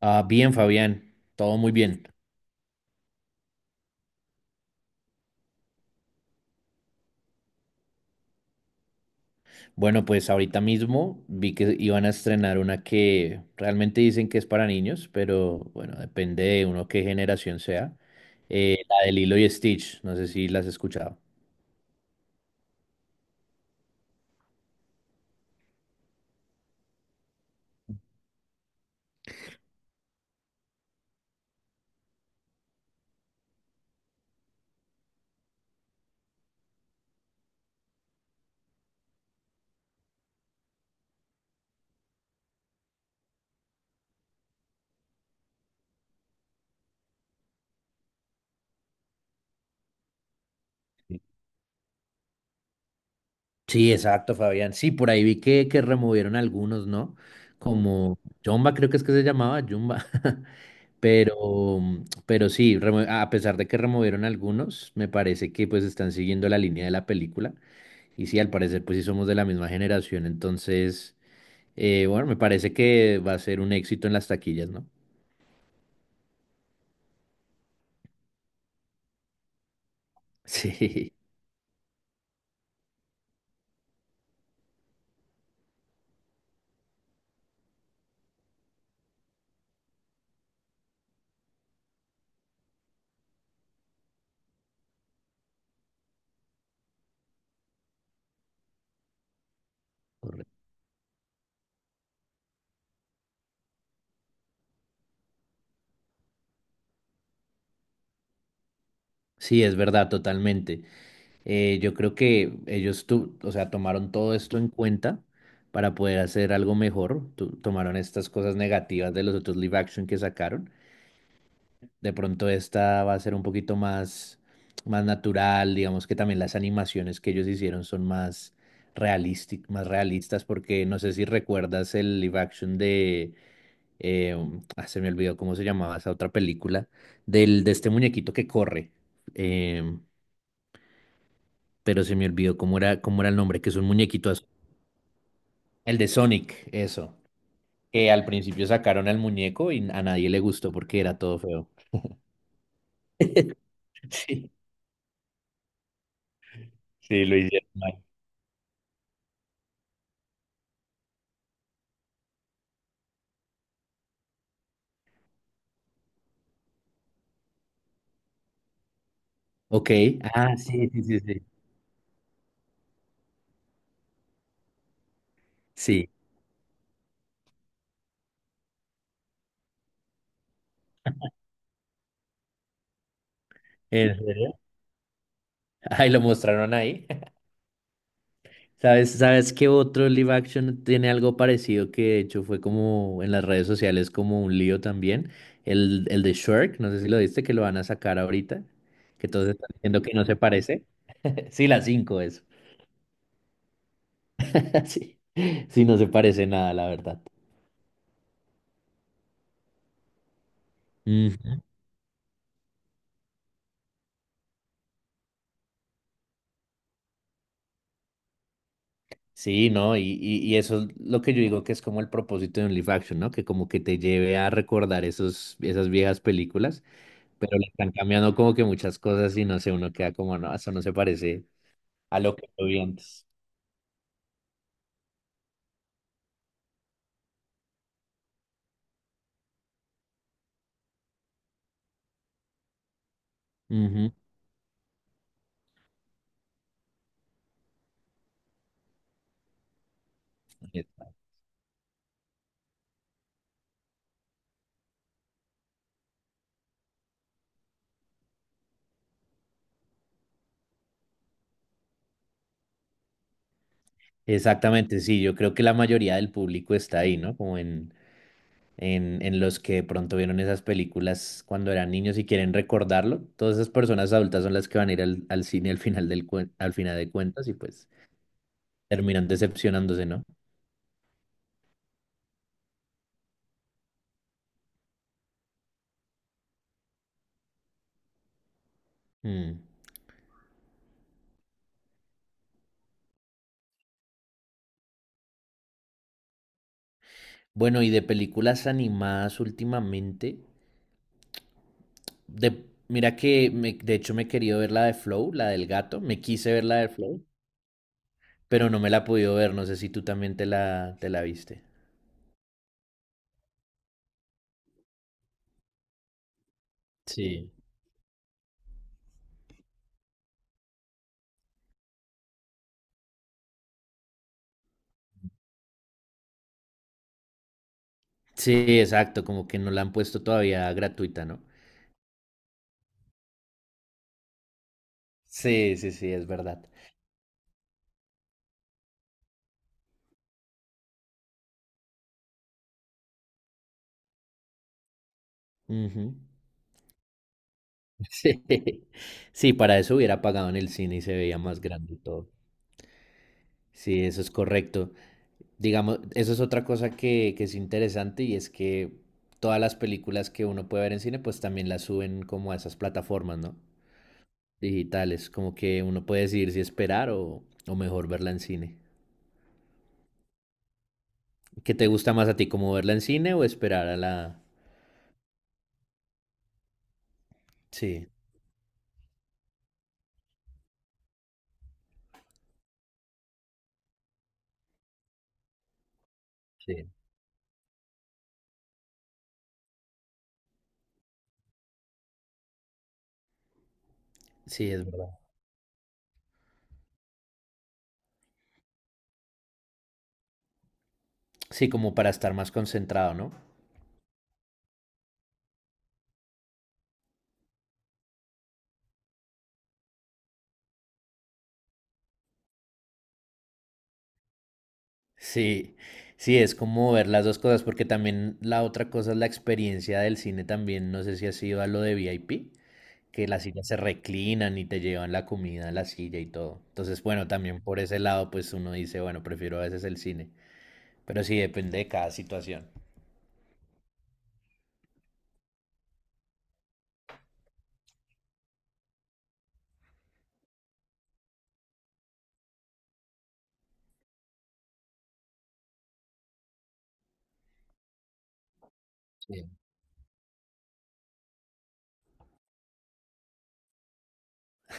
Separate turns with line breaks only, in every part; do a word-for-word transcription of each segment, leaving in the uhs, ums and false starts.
Ah, bien, Fabián, todo muy bien. Bueno, pues ahorita mismo vi que iban a estrenar una que realmente dicen que es para niños, pero bueno, depende de uno qué generación sea. Eh, la de Lilo y Stitch, no sé si las has escuchado. Sí, Sí, exacto, Fabián. Sí, por ahí vi que, que removieron algunos, ¿no? Como Jumba, creo que es que se llamaba Jumba. Pero, pero sí, remo- a pesar de que removieron algunos, me parece que pues están siguiendo la línea de la película. Y sí, al parecer, pues sí somos de la misma generación, entonces, eh, bueno, me parece que va a ser un éxito en las taquillas, ¿no? Sí, correcto. Sí, es verdad, totalmente. Eh, yo creo que ellos, tu- o sea, tomaron todo esto en cuenta para poder hacer algo mejor. Tu- tomaron estas cosas negativas de los otros live action que sacaron. De pronto esta va a ser un poquito más, más natural, digamos que también las animaciones que ellos hicieron son más realistic- más realistas, porque no sé si recuerdas el live action de, eh, um, ah, se me olvidó cómo se llamaba esa otra película, del, de este muñequito que corre, eh, pero se me olvidó cómo era, cómo era el nombre, que es un muñequito azul. El de Sonic, eso, que al principio sacaron al muñeco y a nadie le gustó porque era todo feo. Sí, sí, lo hicieron mal. Ok, ah, sí, sí, sí, sí. Sí, ¿en serio? Ay, lo mostraron ahí. ¿Sabes, sabes qué otro live action tiene algo parecido que de hecho fue como en las redes sociales como un lío también? El, el de Shrek, no sé si lo viste, que lo van a sacar ahorita, que todos están diciendo que no se parece. Sí, la cinco es. Sí, sí, no se parece nada, la verdad. Ujú. Sí, ¿no? Y, y, y eso es lo que yo digo que es como el propósito de un live action, ¿no? Que como que te lleve a recordar esos, esas viejas películas, pero le están cambiando como que muchas cosas y no sé, uno queda como, no, eso no se parece a lo que yo vi antes. Ujú. Exactamente, sí, yo creo que la mayoría del público está ahí, ¿no? Como en, en, en los que de pronto vieron esas películas cuando eran niños y quieren recordarlo. Todas esas personas adultas son las que van a ir al, al cine al final del cuen- al final de cuentas y pues terminan decepcionándose, ¿no? Mm. Bueno, y de películas animadas últimamente, de, mira que me- de hecho me he querido ver la de Flow, la del gato. Me quise ver la de Flow, pero no me la he podido ver. No sé si tú también te la, te la viste. Sí. Sí, exacto, como que no la han puesto todavía gratuita, ¿no? Sí, sí, sí, es verdad. Ujú. Sí. Sí, para eso hubiera pagado en el cine y se veía más grande y todo. Sí, eso es correcto. Digamos, eso es otra cosa que, que es interesante y es que todas las películas que uno puede ver en cine, pues también las suben como a esas plataformas, ¿no? Digitales, como que uno puede decidir si esperar o, o mejor verla en cine. ¿Qué te gusta más a ti, como verla en cine o esperar a la... Sí, sí, sí, es verdad. Sí, como para estar más concentrado, ¿no? Sí, sí, es como ver las dos cosas, porque también la otra cosa es la experiencia del cine también, no sé si has ido a lo de V I P, que las sillas se reclinan y te llevan la comida a la silla y todo. Entonces, bueno, también por ese lado, pues uno dice, bueno, prefiero a veces el cine, pero sí depende de cada situación.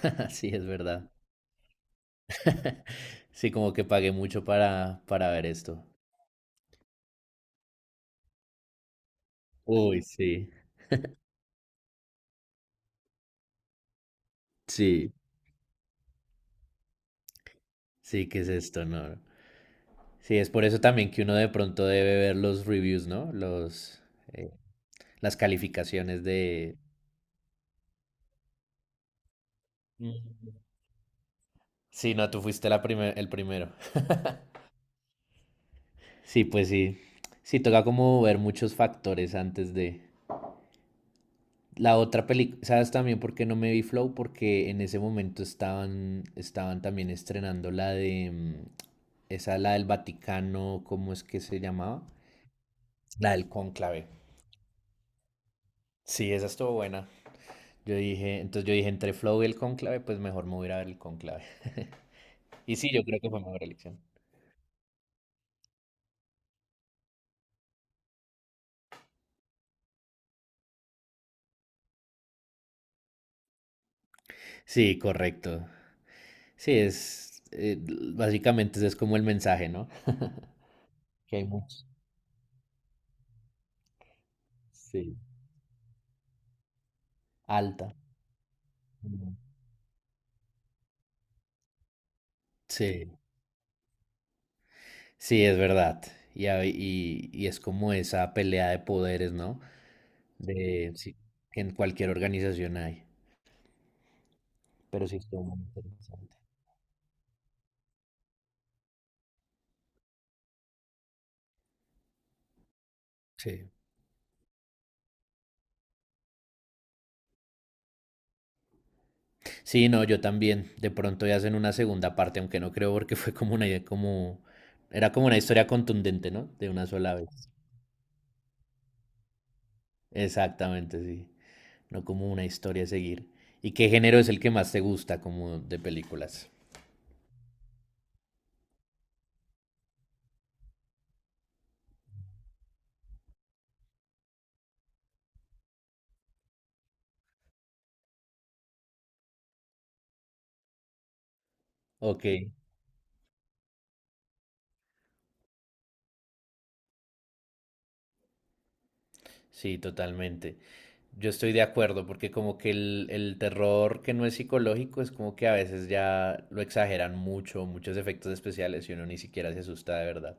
Así es verdad. Sí, como que pagué mucho para, para ver esto. Uy, sí, sí, sí, ¿qué es esto? No. Sí, es por eso también que uno de pronto debe ver los reviews, ¿no? Los, eh, las calificaciones de... Mm. Sí, no, tú fuiste la primer- el primero. Sí, pues sí. Sí, toca como ver muchos factores antes de... La otra película, ¿sabes también por qué no me vi Flow? Porque en ese momento estaban, estaban también estrenando la de, mm, esa, la del Vaticano, ¿cómo es que se llamaba? La del Cónclave. Sí, esa estuvo buena. Yo dije, entonces yo dije, entre Flow y el Cónclave, pues mejor me voy a ir a ver el Cónclave. Y sí, yo creo que fue mejor elección. Sí, correcto. Sí, es, eh, básicamente ese es como el mensaje, ¿no? Que hay muchos. Sí. Alta. Mm. Sí. Sí, es verdad. Y, a- y- y es como esa pelea de poderes, ¿no? De, sí, que en cualquier organización hay. Pero sí, estuvo muy interesante. Sí. Sí, no, yo también. De pronto ya hacen una segunda parte, aunque no creo porque fue como una idea, como... Era como una historia contundente, ¿no? De una sola vez. Exactamente, sí. No como una historia a seguir. ¿Y qué género es el que más te gusta como de películas? Ok, sí, totalmente. Yo estoy de acuerdo, porque como que el, el terror que no es psicológico es como que a veces ya lo exageran mucho, muchos efectos especiales y uno ni siquiera se asusta de verdad.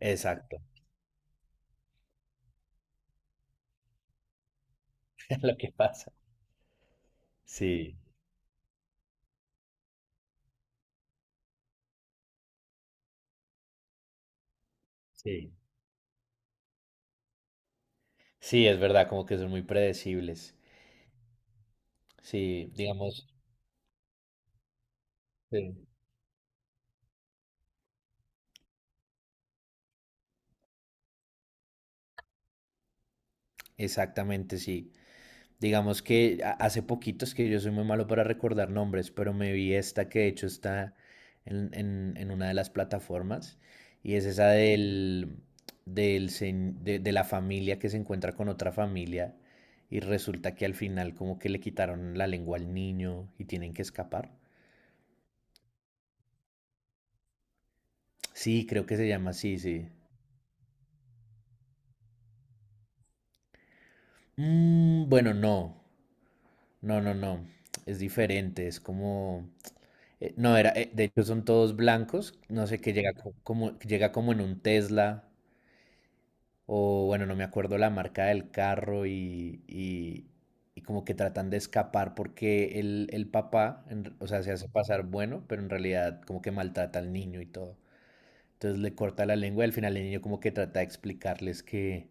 Exacto, es lo que pasa. Sí, sí. Sí, es verdad, como que son muy predecibles. Sí, digamos. Sí. Exactamente, sí. Digamos que a- hace poquito, es que yo soy muy malo para recordar nombres, pero me vi esta que de hecho está en, en- en una de las plataformas y es esa del, del sen- de, de la familia que se encuentra con otra familia y resulta que al final como que le quitaron la lengua al niño y tienen que escapar. Sí, creo que se llama así, sí. Mm, bueno, no, no, no, no, es diferente, es como... Eh, no, era, eh, de hecho son todos blancos, no sé, que llega co- como, que llega como en un Tesla, o bueno, no me acuerdo la marca del carro y, y- y como que tratan de escapar porque el, el papá, en r- o sea, se hace pasar bueno, pero en realidad como que maltrata al niño y todo. Entonces le corta la lengua y al final el niño como que trata de explicarles que,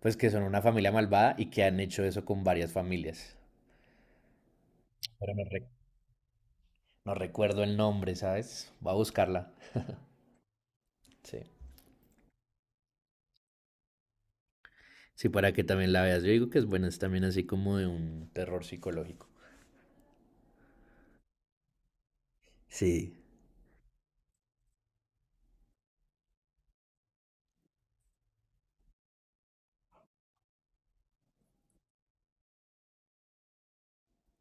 pues que son una familia malvada y que han hecho eso con varias familias. Pero no, re- no recuerdo el nombre, ¿sabes? Voy a buscarla. Sí. Sí, para que también la veas. Yo digo que es buena, es también así como de un terror psicológico. Sí.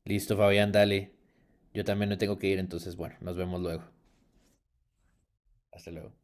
Listo, Fabián, dale. Yo también me tengo que ir, entonces, bueno, nos vemos luego. Hasta luego.